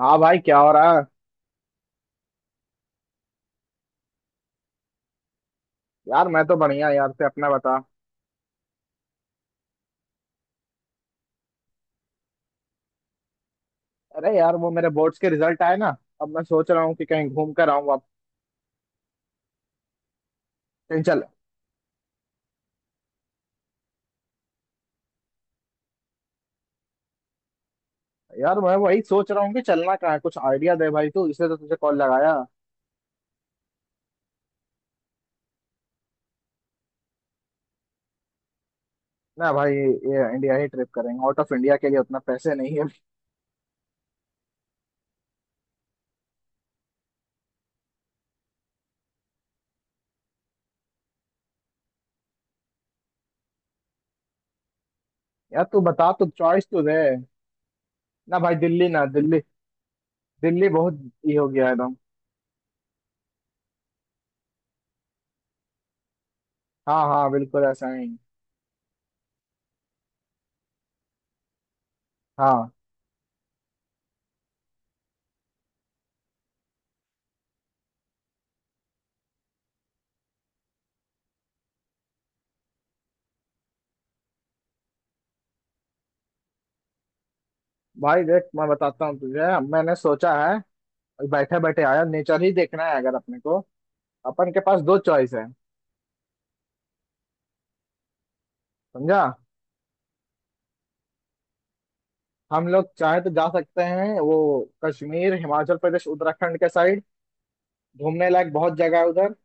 हाँ भाई, क्या हो रहा है? यार, मैं तो बढ़िया। यार, से अपना बता। अरे यार, वो मेरे बोर्ड्स के रिजल्ट आए ना। अब मैं सोच रहा हूँ कि कहीं घूम कर आऊँ अब। कहीं चल। यार, मैं वही सोच रहा हूँ कि चलना कहाँ है। कुछ आइडिया दे भाई तू, इसलिए तो तुझे कॉल लगाया। ना भाई, ये इंडिया ही ट्रिप करेंगे, आउट ऑफ इंडिया के लिए उतना पैसे नहीं है। यार तू बता, तू चॉइस तो दे। ना भाई, दिल्ली ना दिल्ली, दिल्ली बहुत ये हो गया है एकदम। हाँ हाँ, बिल्कुल ऐसा ही। हाँ। भाई देख, मैं बताता हूँ तुझे, मैंने सोचा है। बैठे बैठे आया, नेचर ही देखना है अगर अपने को। अपन के पास दो चॉइस है, समझा। हम लोग चाहे तो जा सकते हैं वो कश्मीर, हिमाचल प्रदेश, उत्तराखंड के साइड। घूमने लायक बहुत जगह है उधर।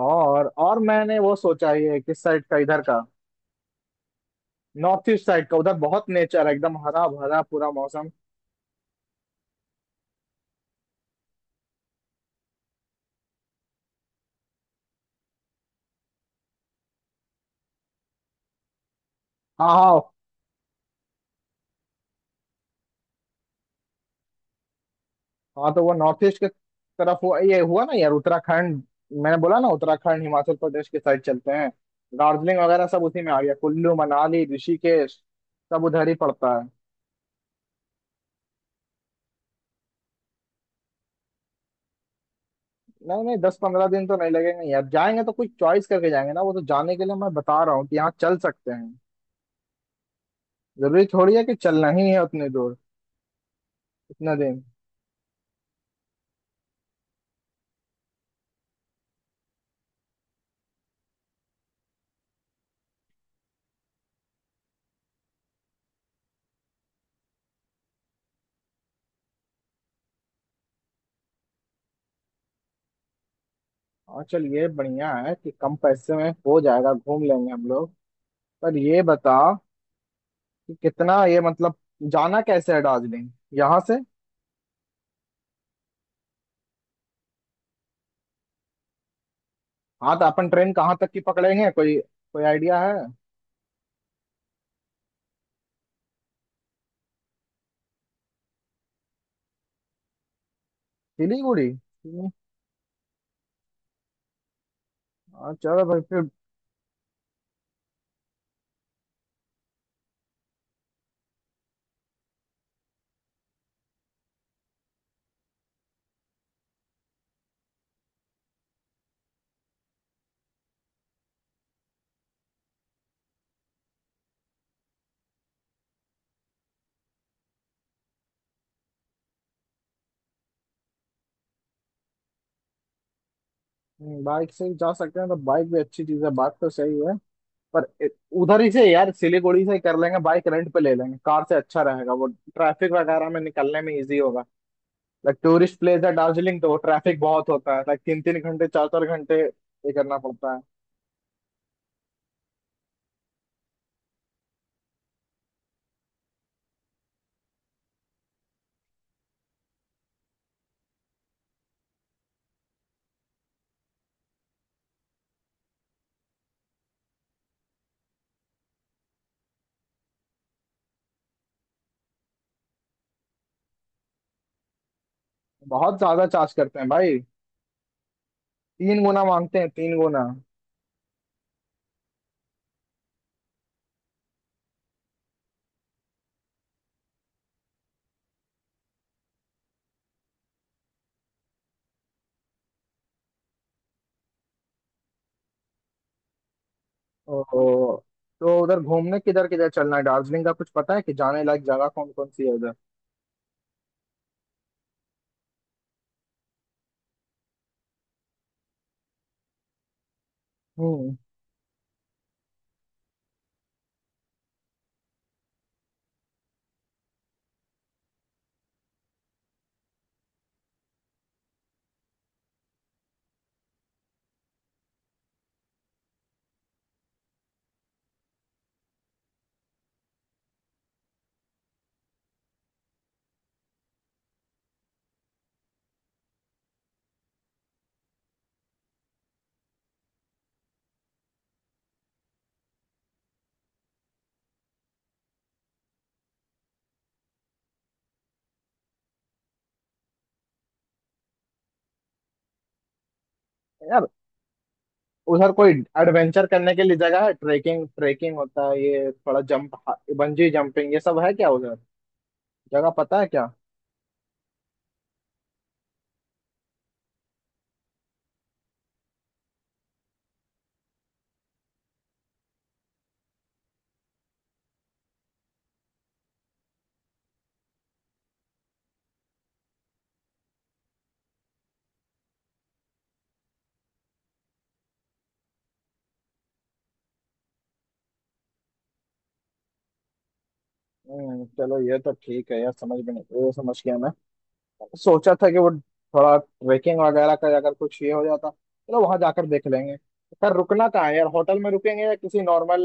और मैंने वो सोचा ही है किस साइड का, इधर का नॉर्थ ईस्ट साइड का। उधर बहुत नेचर है, एकदम हरा भरा पूरा मौसम। हाँ हाँ। हाँ, तो वो नॉर्थ ईस्ट के तरफ हुआ ये। हुआ ना यार, उत्तराखंड मैंने बोला ना। उत्तराखंड, हिमाचल प्रदेश के साइड चलते हैं। दार्जिलिंग वगैरह सब उसी में आ गया। कुल्लू, मनाली, ऋषिकेश सब उधर ही पड़ता है। नहीं नहीं, 10 15 दिन तो नहीं लगेंगे यार। जाएंगे तो कुछ चॉइस करके जाएंगे ना। वो तो जाने के लिए मैं बता रहा हूँ कि यहाँ चल सकते हैं। जरूरी थोड़ी है कि चलना ही है उतने दूर, इतना दिन। और चल, ये बढ़िया है कि कम पैसे में हो जाएगा, घूम लेंगे हम लोग। पर ये बता कि कितना ये मतलब जाना कैसे है दार्जिलिंग यहाँ से। हाँ, तो अपन ट्रेन कहाँ तक की पकड़ेंगे? कोई कोई आइडिया है? सिलीगुड़ी। हाँ, चलो भाई फिर। बाइक से ही जा सकते हैं तो बाइक भी अच्छी चीज है, बात तो सही है। पर इ- उधर ही से यार, सिलीगुड़ी से ही कर लेंगे, बाइक रेंट पे ले लेंगे। कार से अच्छा रहेगा वो, ट्रैफिक वगैरह में निकलने में इजी होगा। लाइक, टूरिस्ट प्लेस है दार्जिलिंग तो ट्रैफिक बहुत होता है। लाइक, 3 3 घंटे, 4 4 घंटे ये करना पड़ता है। बहुत ज्यादा चार्ज करते हैं भाई। 3 गुना मांगते हैं, 3 गुना। ओहो। तो उधर घूमने किधर किधर चलना है? दार्जिलिंग का कुछ पता है कि जाने लायक जगह कौन कौन सी है उधर? हम्म यार, उधर कोई एडवेंचर करने के लिए जगह है? ट्रेकिंग, ट्रेकिंग होता है ये थोड़ा। जंप, बंजी जंपिंग ये सब है क्या उधर? जगह पता है क्या? चलो ये तो ठीक है यार। समझ में नहीं, ये समझ गया मैं। सोचा था कि वो थोड़ा ट्रेकिंग वगैरह का अगर कुछ ये हो जाता। चलो, वहां जाकर देख लेंगे। पर रुकना कहाँ है यार? होटल में रुकेंगे या किसी नॉर्मल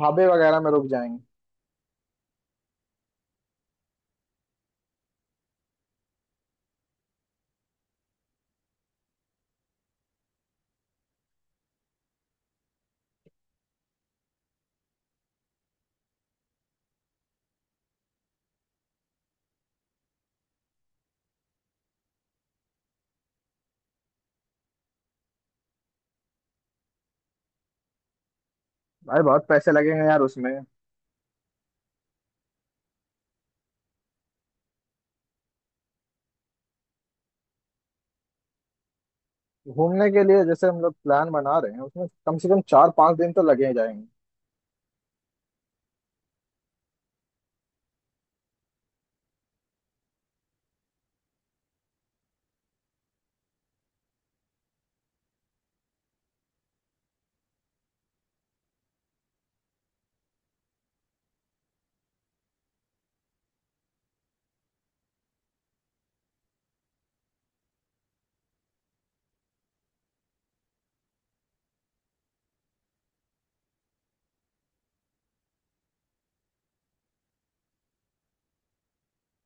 ढाबे वगैरह में रुक जाएंगे? भाई बहुत पैसे लगेंगे यार उसमें। घूमने के लिए जैसे हम लोग प्लान बना रहे हैं, उसमें कम से कम 4 5 दिन तो लगे ही जाएंगे।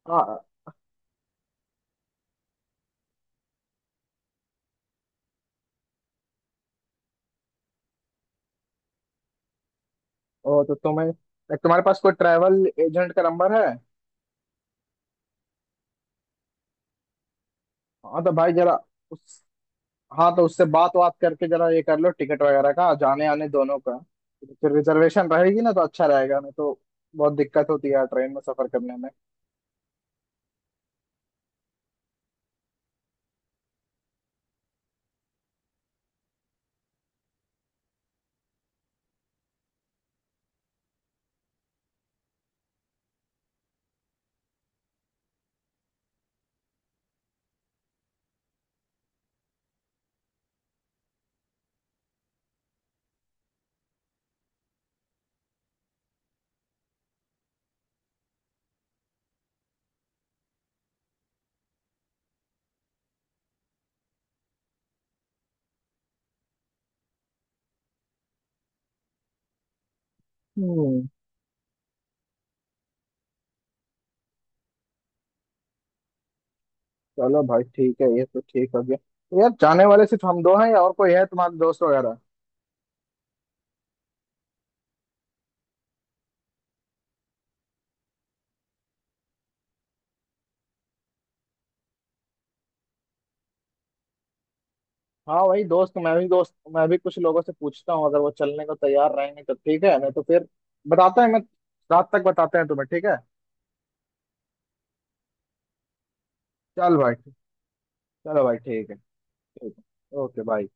हाँ। ओ, तो तुम्हें तुम्हारे पास कोई ट्रैवल एजेंट का नंबर है? हाँ, तो भाई जरा उस हाँ, तो उससे बात बात करके जरा ये कर लो, टिकट वगैरह का जाने आने दोनों का। फिर रिजर्वेशन रहेगी ना, तो अच्छा रहेगा। नहीं तो बहुत दिक्कत होती है यार ट्रेन में सफर करने में। हम्म चलो भाई ठीक है, ये तो ठीक हो गया। तो यार, जाने वाले सिर्फ हम दो हैं या और कोई है तुम्हारे दोस्त वगैरह? हाँ, वही दोस्त। मैं भी कुछ लोगों से पूछता हूँ, अगर वो चलने को तैयार रहेंगे तो ठीक है, नहीं तो फिर। बताते हैं मैं रात तक बताते हैं तुम्हें, ठीक है? चल भाई। चलो भाई ठीक है। ठीक है, ओके बाय।